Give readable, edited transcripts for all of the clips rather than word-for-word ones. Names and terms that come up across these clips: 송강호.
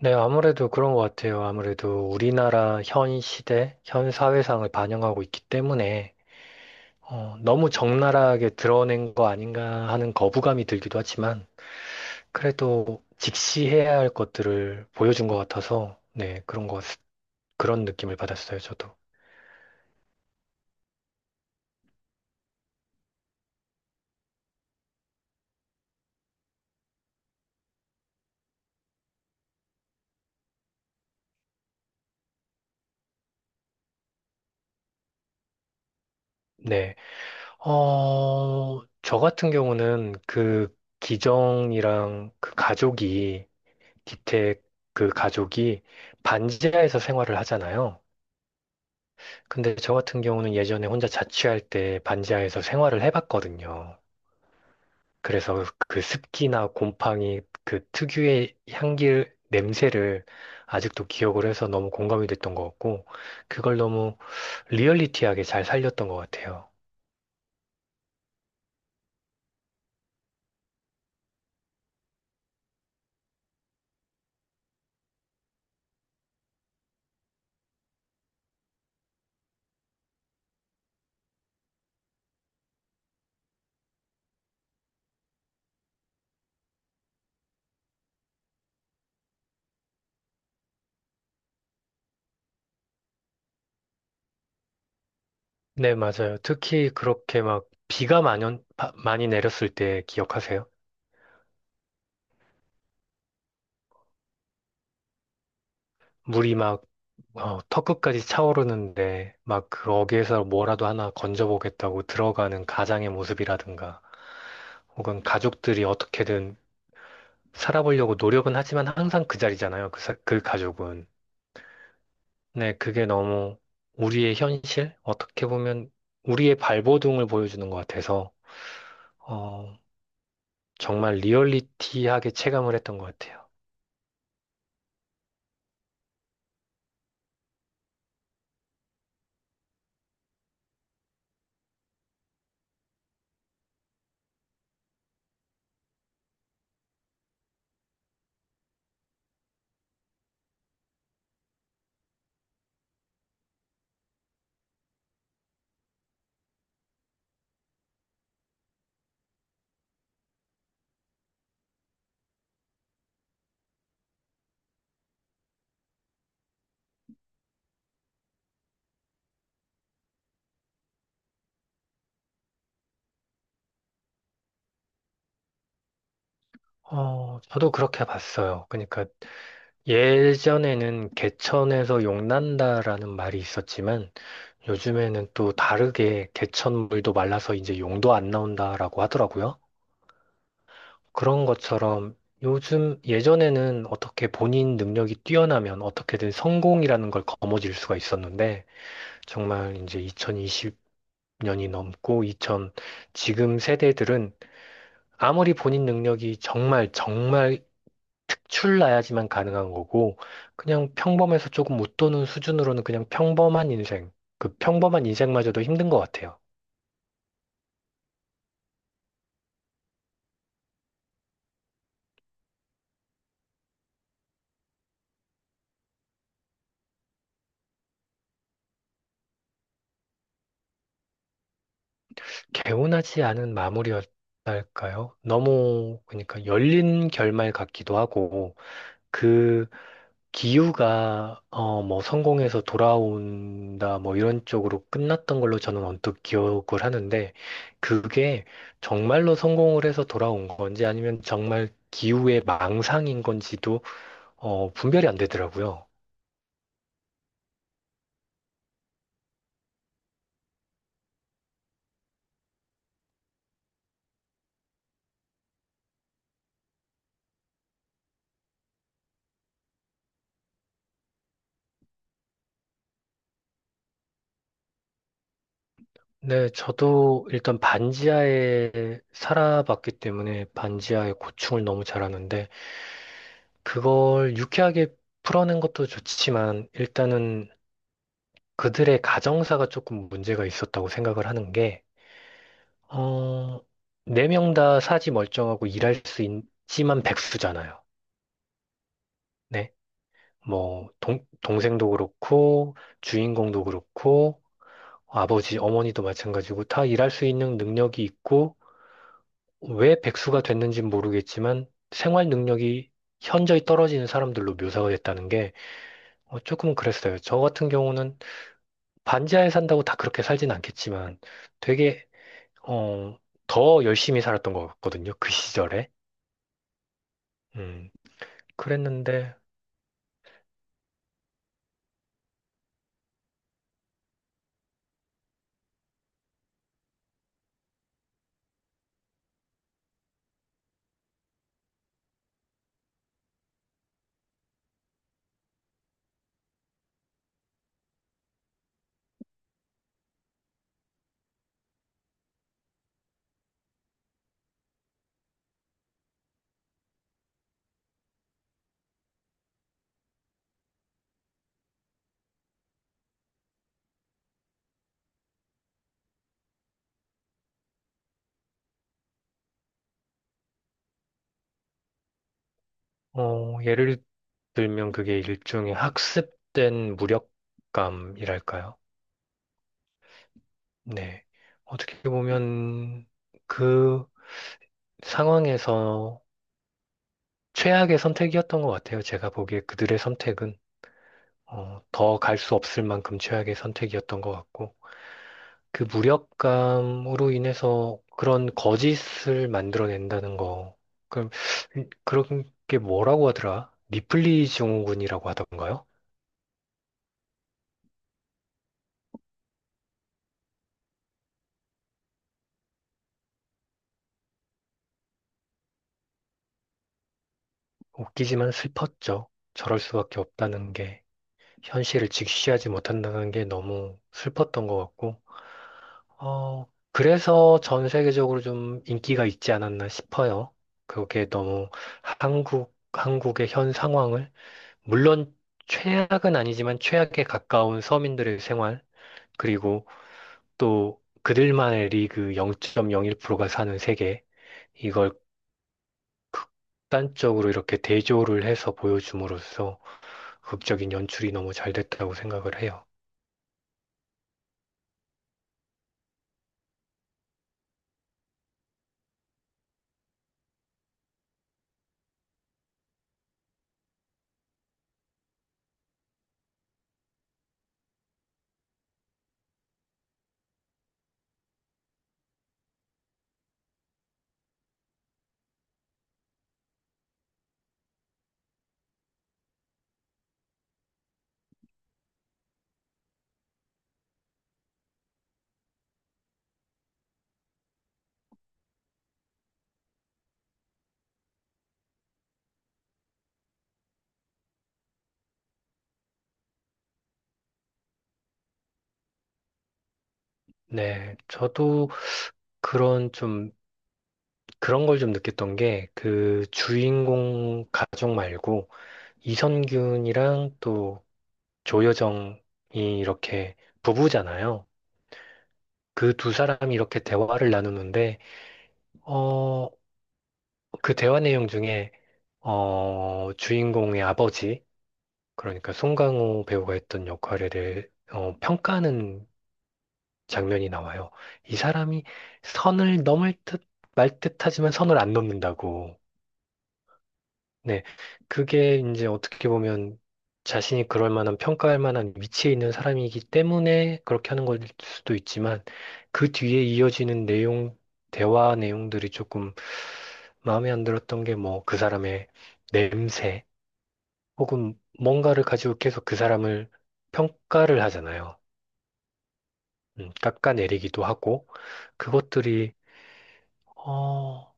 네, 아무래도 그런 것 같아요. 아무래도 우리나라 현 시대, 현 사회상을 반영하고 있기 때문에 너무 적나라하게 드러낸 거 아닌가 하는 거부감이 들기도 하지만 그래도 직시해야 할 것들을 보여준 것 같아서 네, 그런 느낌을 받았어요, 저도. 네. 저 같은 경우는 그 기정이랑 그 가족이, 기택 그 가족이 반지하에서 생활을 하잖아요. 근데 저 같은 경우는 예전에 혼자 자취할 때 반지하에서 생활을 해봤거든요. 그래서 그 습기나 곰팡이 그 특유의 향기 냄새를 아직도 기억을 해서 너무 공감이 됐던 것 같고, 그걸 너무 리얼리티하게 잘 살렸던 것 같아요. 네, 맞아요. 특히 그렇게 막 비가 많이, 많이 내렸을 때 기억하세요? 물이 막 턱끝까지 차오르는데 막 그 어귀에서 뭐라도 하나 건져보겠다고 들어가는 가장의 모습이라든가. 혹은 가족들이 어떻게든 살아보려고 노력은 하지만 항상 그 자리잖아요. 그 가족은. 네, 그게 너무 우리의 현실? 어떻게 보면 우리의 발버둥을 보여주는 것 같아서, 어, 정말 리얼리티하게 체감을 했던 것 같아요. 저도 그렇게 봤어요. 그러니까 예전에는 개천에서 용난다라는 말이 있었지만 요즘에는 또 다르게 개천물도 말라서 이제 용도 안 나온다라고 하더라고요. 그런 것처럼 요즘 예전에는 어떻게 본인 능력이 뛰어나면 어떻게든 성공이라는 걸 거머쥘 수가 있었는데 정말 이제 2020년이 넘고 2000 지금 세대들은 아무리 본인 능력이 정말 정말 특출나야지만 가능한 거고 그냥 평범해서 조금 웃도는 수준으로는 그냥 평범한 인생 그 평범한 인생마저도 힘든 것 같아요. 개운하지 않은 마무리였 할까요? 너무 그러니까 열린 결말 같기도 하고 그 기우가 뭐 성공해서 돌아온다 뭐 이런 쪽으로 끝났던 걸로 저는 언뜻 기억을 하는데 그게 정말로 성공을 해서 돌아온 건지 아니면 정말 기우의 망상인 건지도 분별이 안 되더라고요. 네, 저도 일단 반지하에 살아봤기 때문에 반지하의 고충을 너무 잘 아는데 그걸 유쾌하게 풀어낸 것도 좋지만 일단은 그들의 가정사가 조금 문제가 있었다고 생각을 하는 게, 어, 네 명 다 사지 멀쩡하고 일할 수 있지만 백수잖아요. 네. 뭐, 동생도 그렇고, 주인공도 그렇고, 아버지, 어머니도 마찬가지고, 다 일할 수 있는 능력이 있고, 왜 백수가 됐는지는 모르겠지만, 생활 능력이 현저히 떨어지는 사람들로 묘사가 됐다는 게, 조금 그랬어요. 저 같은 경우는 반지하에 산다고 다 그렇게 살진 않겠지만, 되게 어, 더 열심히 살았던 것 같거든요. 그 시절에. 음, 그랬는데, 예를 들면 그게 일종의 학습된 무력감이랄까요? 네. 어떻게 보면 그 상황에서 최악의 선택이었던 것 같아요. 제가 보기에 그들의 선택은. 더갈 수 없을 만큼 최악의 선택이었던 것 같고. 그 무력감으로 인해서 그런 거짓을 만들어낸다는 거. 그럼 그런 게 뭐라고 하더라? 리플리 증후군이라고 하던가요? 웃기지만 슬펐죠. 저럴 수밖에 없다는 게 현실을 직시하지 못한다는 게 너무 슬펐던 것 같고, 어, 그래서 전 세계적으로 좀 인기가 있지 않았나 싶어요. 그게 너무 한국의 현 상황을, 물론 최악은 아니지만 최악에 가까운 서민들의 생활, 그리고 또 그들만의 리그 0.01%가 사는 세계, 이걸 극단적으로 이렇게 대조를 해서 보여줌으로써 극적인 연출이 너무 잘 됐다고 생각을 해요. 네, 저도 그런 좀, 그런 걸 좀 느꼈던 게 그 주인공 가족 말고 이선균이랑 또 조여정이 이렇게 부부잖아요. 그 두 사람이 이렇게 대화를 나누는데, 어, 그 대화 내용 중에 주인공의 아버지, 그러니까 송강호 배우가 했던 역할에 대해 평가하는 장면이 나와요. 이 사람이 선을 넘을 듯 말 듯하지만 선을 안 넘는다고. 네, 그게 이제 어떻게 보면 자신이 그럴 만한 평가할 만한 위치에 있는 사람이기 때문에 그렇게 하는 걸 수도 있지만 그 뒤에 이어지는 내용, 대화 내용들이 조금 마음에 안 들었던 게 뭐 그 사람의 냄새, 혹은 뭔가를 가지고 계속 그 사람을 평가를 하잖아요. 깎아내리기도 하고, 그것들이, 어,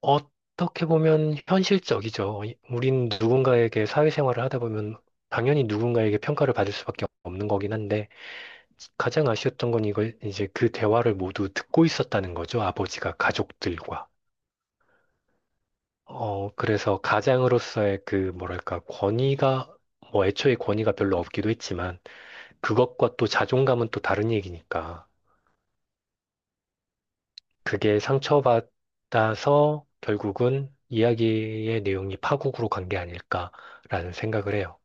어떻게 보면 현실적이죠. 우린 누군가에게 사회생활을 하다 보면 당연히 누군가에게 평가를 받을 수밖에 없는 거긴 한데, 가장 아쉬웠던 건 이걸 이제 그 대화를 모두 듣고 있었다는 거죠. 아버지가 가족들과. 그래서 가장으로서의 그, 뭐랄까, 권위가, 뭐 애초에 권위가 별로 없기도 했지만, 그것과 또 자존감은 또 다른 얘기니까. 그게 상처받아서 결국은 이야기의 내용이 파국으로 간 게 아닐까라는 생각을 해요.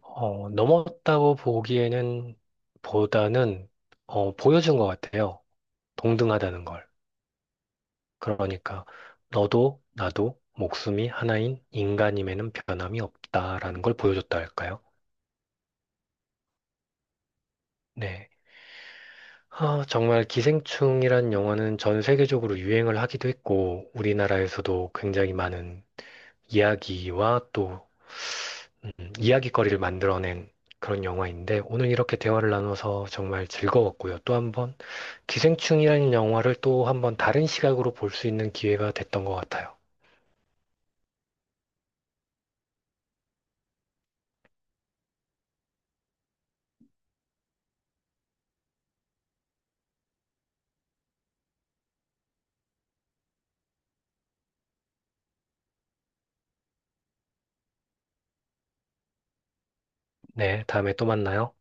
넘었다고 보기에는 보다는 보여준 것 같아요. 동등하다는 걸. 그러니까 너도 나도 목숨이 하나인 인간임에는 변함이 없다라는 걸 보여줬다 할까요? 네. 아, 정말 기생충이란 영화는 전 세계적으로 유행을 하기도 했고, 우리나라에서도 굉장히 많은 이야기와 또 음, 이야기거리를 만들어낸 그런 영화인데, 오늘 이렇게 대화를 나눠서 정말 즐거웠고요. 기생충이라는 영화를 또 한 번 다른 시각으로 볼 수 있는 기회가 됐던 것 같아요. 네, 다음에 또 만나요.